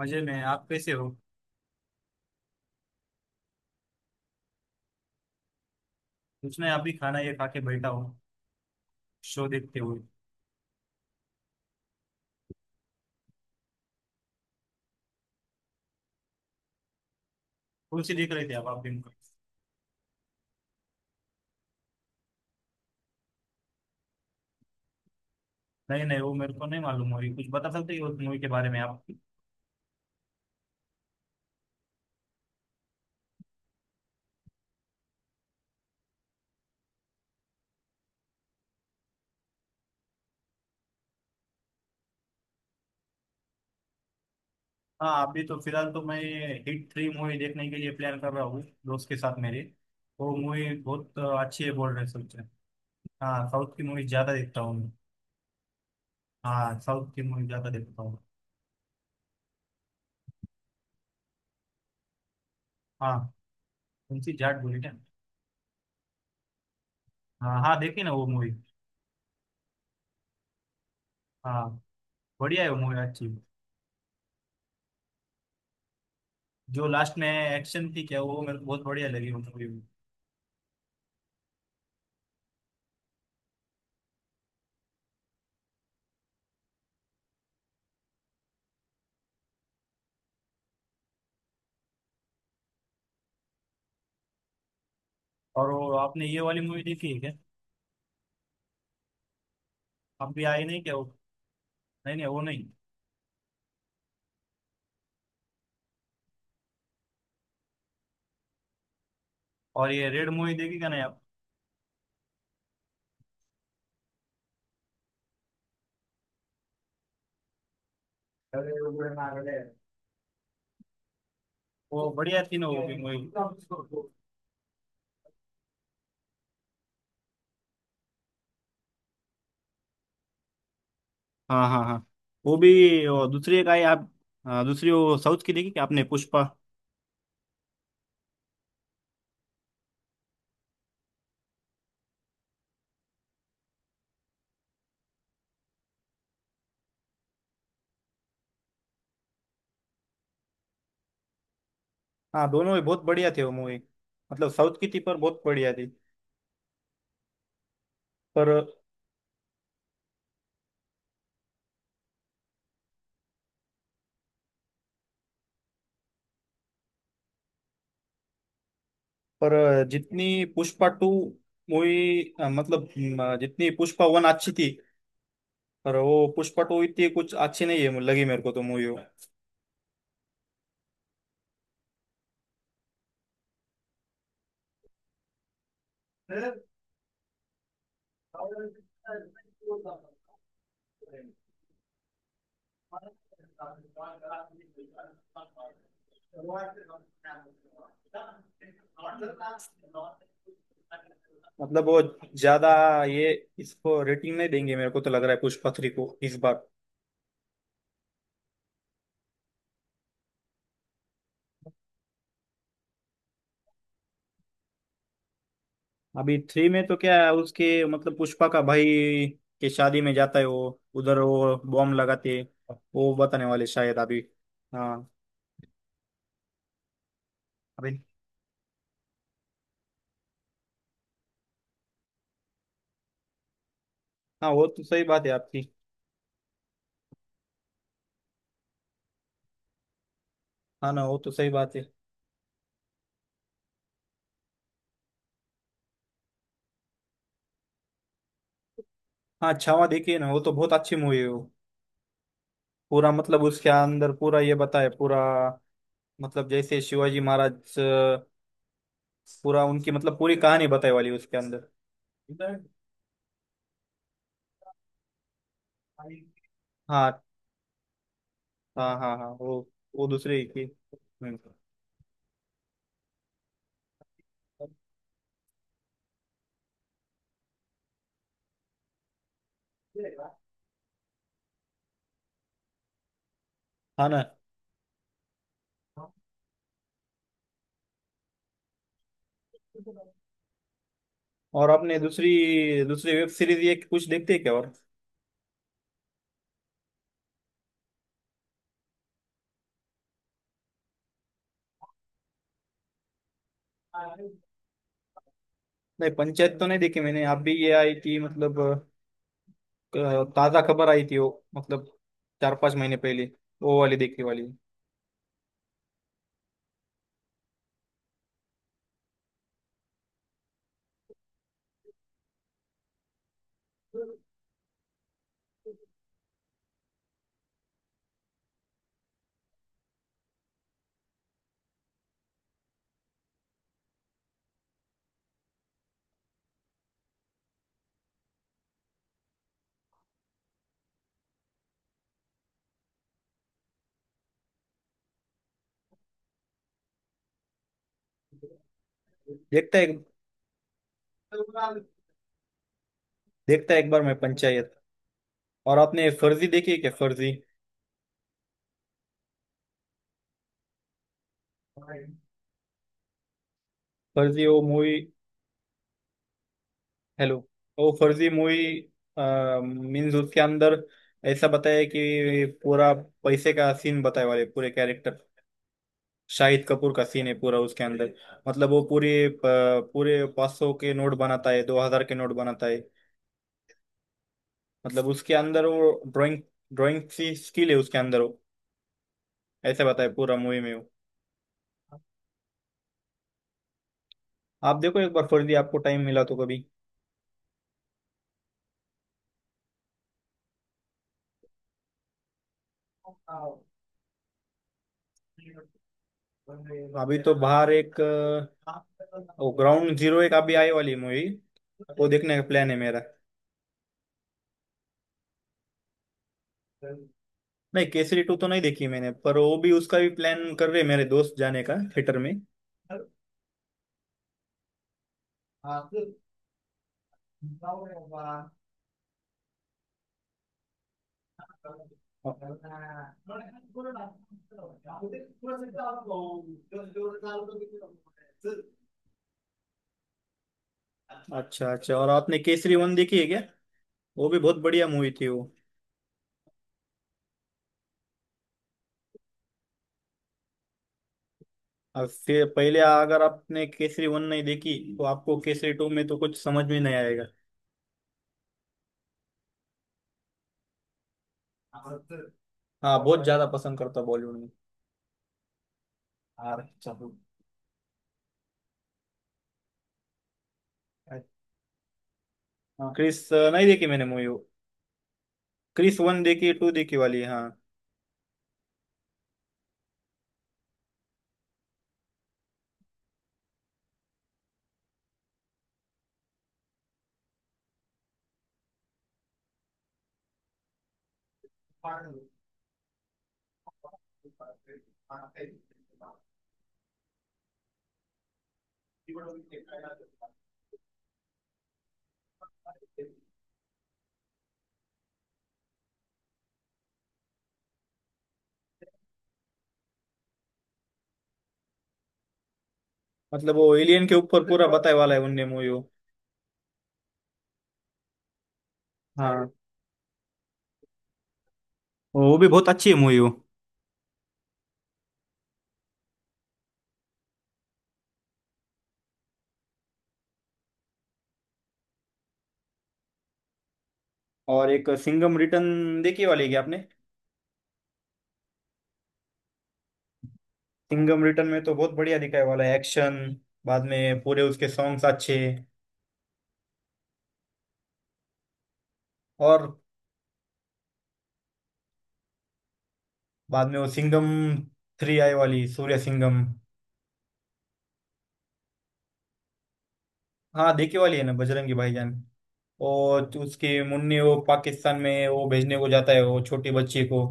मजे में। आप कैसे हो? कुछ नहीं, अभी खाना ये खा के बैठा हूँ, शो देखते हुए। कौन सी देख रहे थे आप दिन को? नहीं नहीं, वो मेरे को नहीं मालूम। मूवी कुछ बता सकते हो उस मूवी के बारे में आप? हाँ, अभी तो फिलहाल तो मैं हिट थ्री मूवी देखने के लिए प्लान कर रहा हूँ, दोस्त के साथ मेरे। वो मूवी बहुत अच्छी है, बोल रहे सोच। हाँ, साउथ की मूवी ज्यादा देखता हूँ मैं। हाँ, साउथ की मूवी ज्यादा देखता हूँ। हाँ, कौन सी? जाट बोली ना? हाँ हाँ, देखी ना वो मूवी। हाँ, बढ़िया है वो मूवी, अच्छी। जो लास्ट में एक्शन थी क्या वो, मेरे को बहुत बढ़िया लगी वो मूवी। और वो आपने ये वाली मूवी देखी है क्या? अब भी आई नहीं क्या वो? नहीं नहीं, वो नहीं। और ये रेड मूवी देखी क्या, नहीं आप? अरे वो बड़े नागड़े हैं। वो बढ़िया थी ना वो भी मूवी। हाँ हाँ हाँ, वो भी, वो दूसरी एक आई आप? हाँ, दूसरी वो साउथ की देखी क्या आपने, पुष्पा? हाँ, दोनों ही बहुत बढ़िया थे वो मूवी। मतलब साउथ की थी पर बहुत बढ़िया थी। पर पर जितनी पुष्पा टू मूवी मतलब जितनी पुष्पा वन अच्छी थी, पर वो पुष्पा टू इतनी कुछ अच्छी नहीं है लगी मेरे को तो मूवी। मतलब वो ज्यादा ये, इसको रेटिंग नहीं देंगे, मेरे को तो लग रहा है पुष्पा थ्री को इस बार। अभी थ्री में तो क्या है उसके, मतलब पुष्पा का भाई के शादी में जाता है वो, उधर वो बॉम्ब लगाते हैं। वो बताने वाले शायद अभी। हाँ, अभी। हाँ, वो तो सही बात है आपकी। हाँ ना, वो तो सही बात है। हाँ, छावा देखी है ना, वो तो बहुत अच्छी मूवी है वो। पूरा मतलब उसके अंदर पूरा ये बताए पूरा। मतलब जैसे शिवाजी महाराज पूरा उनकी, मतलब पूरी कहानी बताई वाली उसके अंदर। हाँ हाँ हाँ हाँ, वो दूसरे ही की। हम्म, हाँ ना। और आपने दूसरी दूसरी वेब सीरीज ये कुछ देखते हैं क्या, और? नहीं, पंचायत तो नहीं देखी मैंने। आप भी ये आई थी मतलब, ताज़ा खबर आई थी वो, मतलब 4-5 महीने पहले। वो वाली देखने वाली। देखता है, देखता है एक बार मैं पंचायत। और आपने फर्जी देखी है क्या, फर्जी? फर्जी वो मूवी। हेलो। वो फर्जी मूवी मीन्स, उसके अंदर ऐसा बताया है कि पूरा पैसे का सीन बताया वाले, पूरे कैरेक्टर शाहिद कपूर का सीन है पूरा उसके अंदर। मतलब वो पूरे 500 के नोट बनाता है, 2000 के नोट बनाता है। मतलब उसके अंदर वो ड्राइंग, ड्राइंग सी स्किल है उसके अंदर वो, ऐसे बताए पूरा मूवी में वो। आप देखो एक बार फर्जी, आपको टाइम मिला तो कभी। अभी तो बाहर एक वो ग्राउंड जीरो, एक अभी आए वाली मूवी, वो देखने का प्लान है मेरा। नहीं, केसरी टू तो नहीं देखी मैंने, पर वो भी, उसका भी प्लान कर रहे हैं मेरे दोस्त जाने का थिएटर में। अच्छा अच्छा। और आपने केसरी वन देखी है क्या? वो भी बहुत बढ़िया मूवी थी वो। अब फिर पहले, अगर आपने केसरी वन नहीं देखी तो आपको केसरी टू में तो कुछ समझ में नहीं आएगा। हाँ, बहुत ज्यादा पसंद करता बॉलीवुड में। अरे चलो। हाँ, क्रिस नहीं देखी मैंने मूवी वो। क्रिस वन देखी, टू देखी वाली, हाँ। मतलब वो एलियन के ऊपर पूरा बताए वाला है उनने मूवी वो। हाँ, वो भी बहुत अच्छी है मूवी वो। और एक सिंघम रिटर्न देखी वाली है क्या आपने? सिंघम रिटर्न में तो बहुत बढ़िया दिखाया वाला है एक्शन, बाद में पूरे उसके सॉन्ग्स अच्छे। और बाद में वो सिंघम थ्री आई वाली सूर्य सिंघम। हाँ, देखी वाली है ना बजरंगी भाईजान। और उसके मुन्नी, वो पाकिस्तान में वो भेजने को जाता है वो छोटी बच्ची को।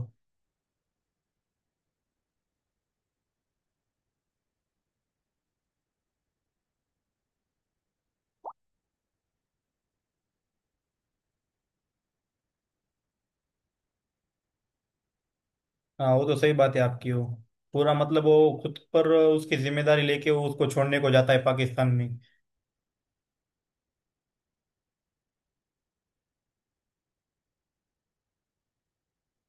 हाँ, वो तो सही बात है आपकी वो। पूरा मतलब वो खुद पर उसकी जिम्मेदारी लेके वो उसको छोड़ने को जाता है पाकिस्तान में।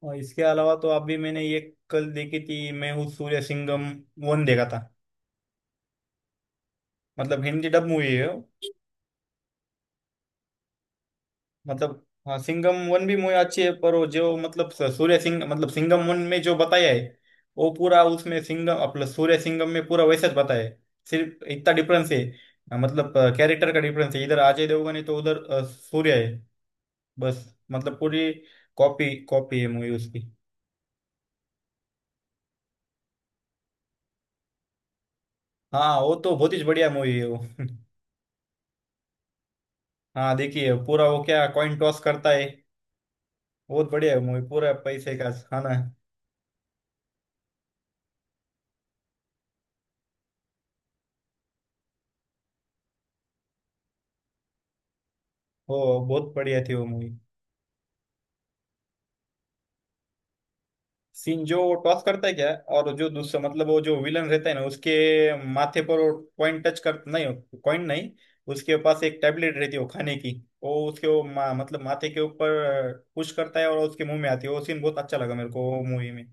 और इसके अलावा तो अभी मैंने ये कल देखी थी, मैं हूँ सूर्य सिंघम वन देखा था। मतलब हिंदी डब मूवी है वो। मतलब हाँ, सिंघम वन भी मूवी अच्छी है, पर वो जो मतलब सूर्य सिंह मतलब सिंघम वन में जो बताया है, वो पूरा उसमें सिंघम अपना सूर्य सिंघम में पूरा वैसा ही बताया है। सिर्फ इतना डिफरेंस है। मतलब कैरेक्टर का डिफरेंस है, इधर अजय देवगन है तो उधर सूर्य है। बस। मतलब पूरी कॉपी कॉपी है मूवी उसकी। हाँ, वो तो बहुत ही बढ़िया मूवी है वो। हाँ, देखिए पूरा वो क्या, कॉइन टॉस करता है। बहुत बढ़िया है मूवी, पूरा पैसे का, हाँ ना? वो बहुत बढ़िया थी वो मूवी। सीन जो वो टॉस करता है क्या, और जो दूसरा, मतलब वो जो विलन रहता है ना, उसके माथे पर वो कॉइन टच कर, नहीं कॉइन नहीं, उसके पास एक टैबलेट रहती है वो खाने की, वो उसके वो मतलब माथे के ऊपर पुश करता है और उसके मुंह में आती है, वो सीन बहुत अच्छा लगा मेरे को वो मूवी में।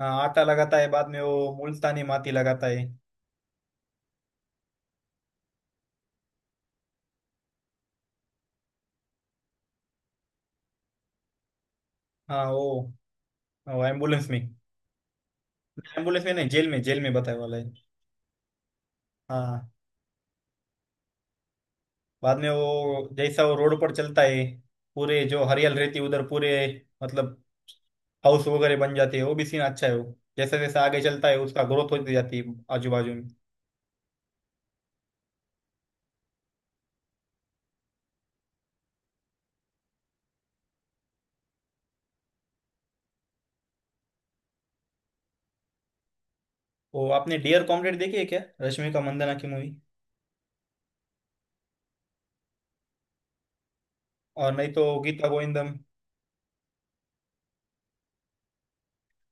हाँ, आटा लगाता है, बाद में वो मुल्तानी माटी लगाता है। हाँ, वो एम्बुलेंस में। एम्बुलेंस में नहीं, जेल में, जेल में बताया वाला है। हाँ, बाद में वो, जैसा वो रोड पर चलता है, पूरे जो हरियाल रहती है उधर पूरे, मतलब हाउस वगैरह बन जाते हैं, वो भी सीन अच्छा है वो। जैसे जैसे आगे चलता है उसका ग्रोथ होती जाती है आजू बाजू में। वो आपने डियर कॉम्रेड देखी है क्या, रश्मिका मंदाना की मूवी? और नहीं तो गीता गोविंदम।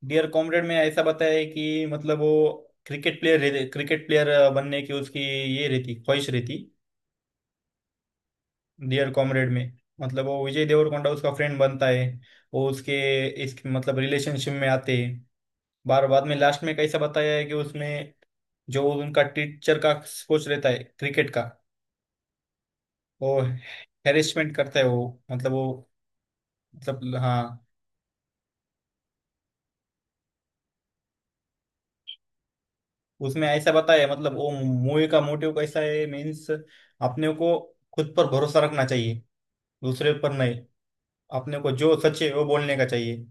डियर कॉमरेड में ऐसा बताया है कि मतलब वो क्रिकेट प्लेयर, क्रिकेट प्लेयर बनने की उसकी ये रहती, ख्वाहिश रहती। डियर कॉमरेड में मतलब वो विजय देवरकोंडा उसका फ्रेंड बनता है। वो उसके इस मतलब रिलेशनशिप में आते हैं। बार बाद में लास्ट में कैसा बताया है कि उसमें जो उनका टीचर का, कोच रहता है क्रिकेट का, वो हेरेसमेंट करता है वो, मतलब वो, मतलब हाँ। उसमें ऐसा बताया है, मतलब वो मूवी का मोटिव कैसा है मीन्स, अपने को खुद पर भरोसा रखना चाहिए, दूसरे पर नहीं। अपने को जो सच है वो बोलने का चाहिए।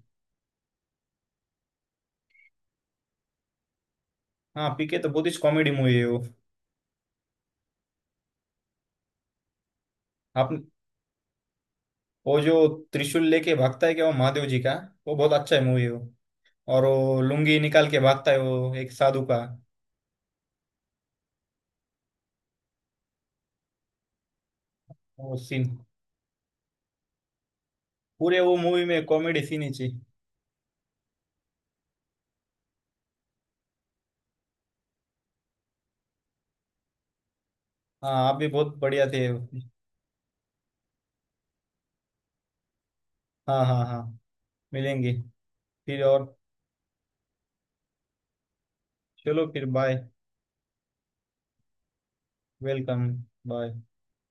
हाँ, पीके तो बहुत ही कॉमेडी मूवी है वो। आप वो जो त्रिशूल लेके भागता है क्या वो, महादेव जी का, वो बहुत अच्छा है मूवी वो। और वो लुंगी निकाल के भागता है वो, एक साधु का। वो सीन पूरे वो मूवी में कॉमेडी सीन ही थी। हाँ, आप भी बहुत बढ़िया थे, हाँ। हाँ हाँ, मिलेंगे। फिर और। चलो फिर बाय। वेलकम। बाय।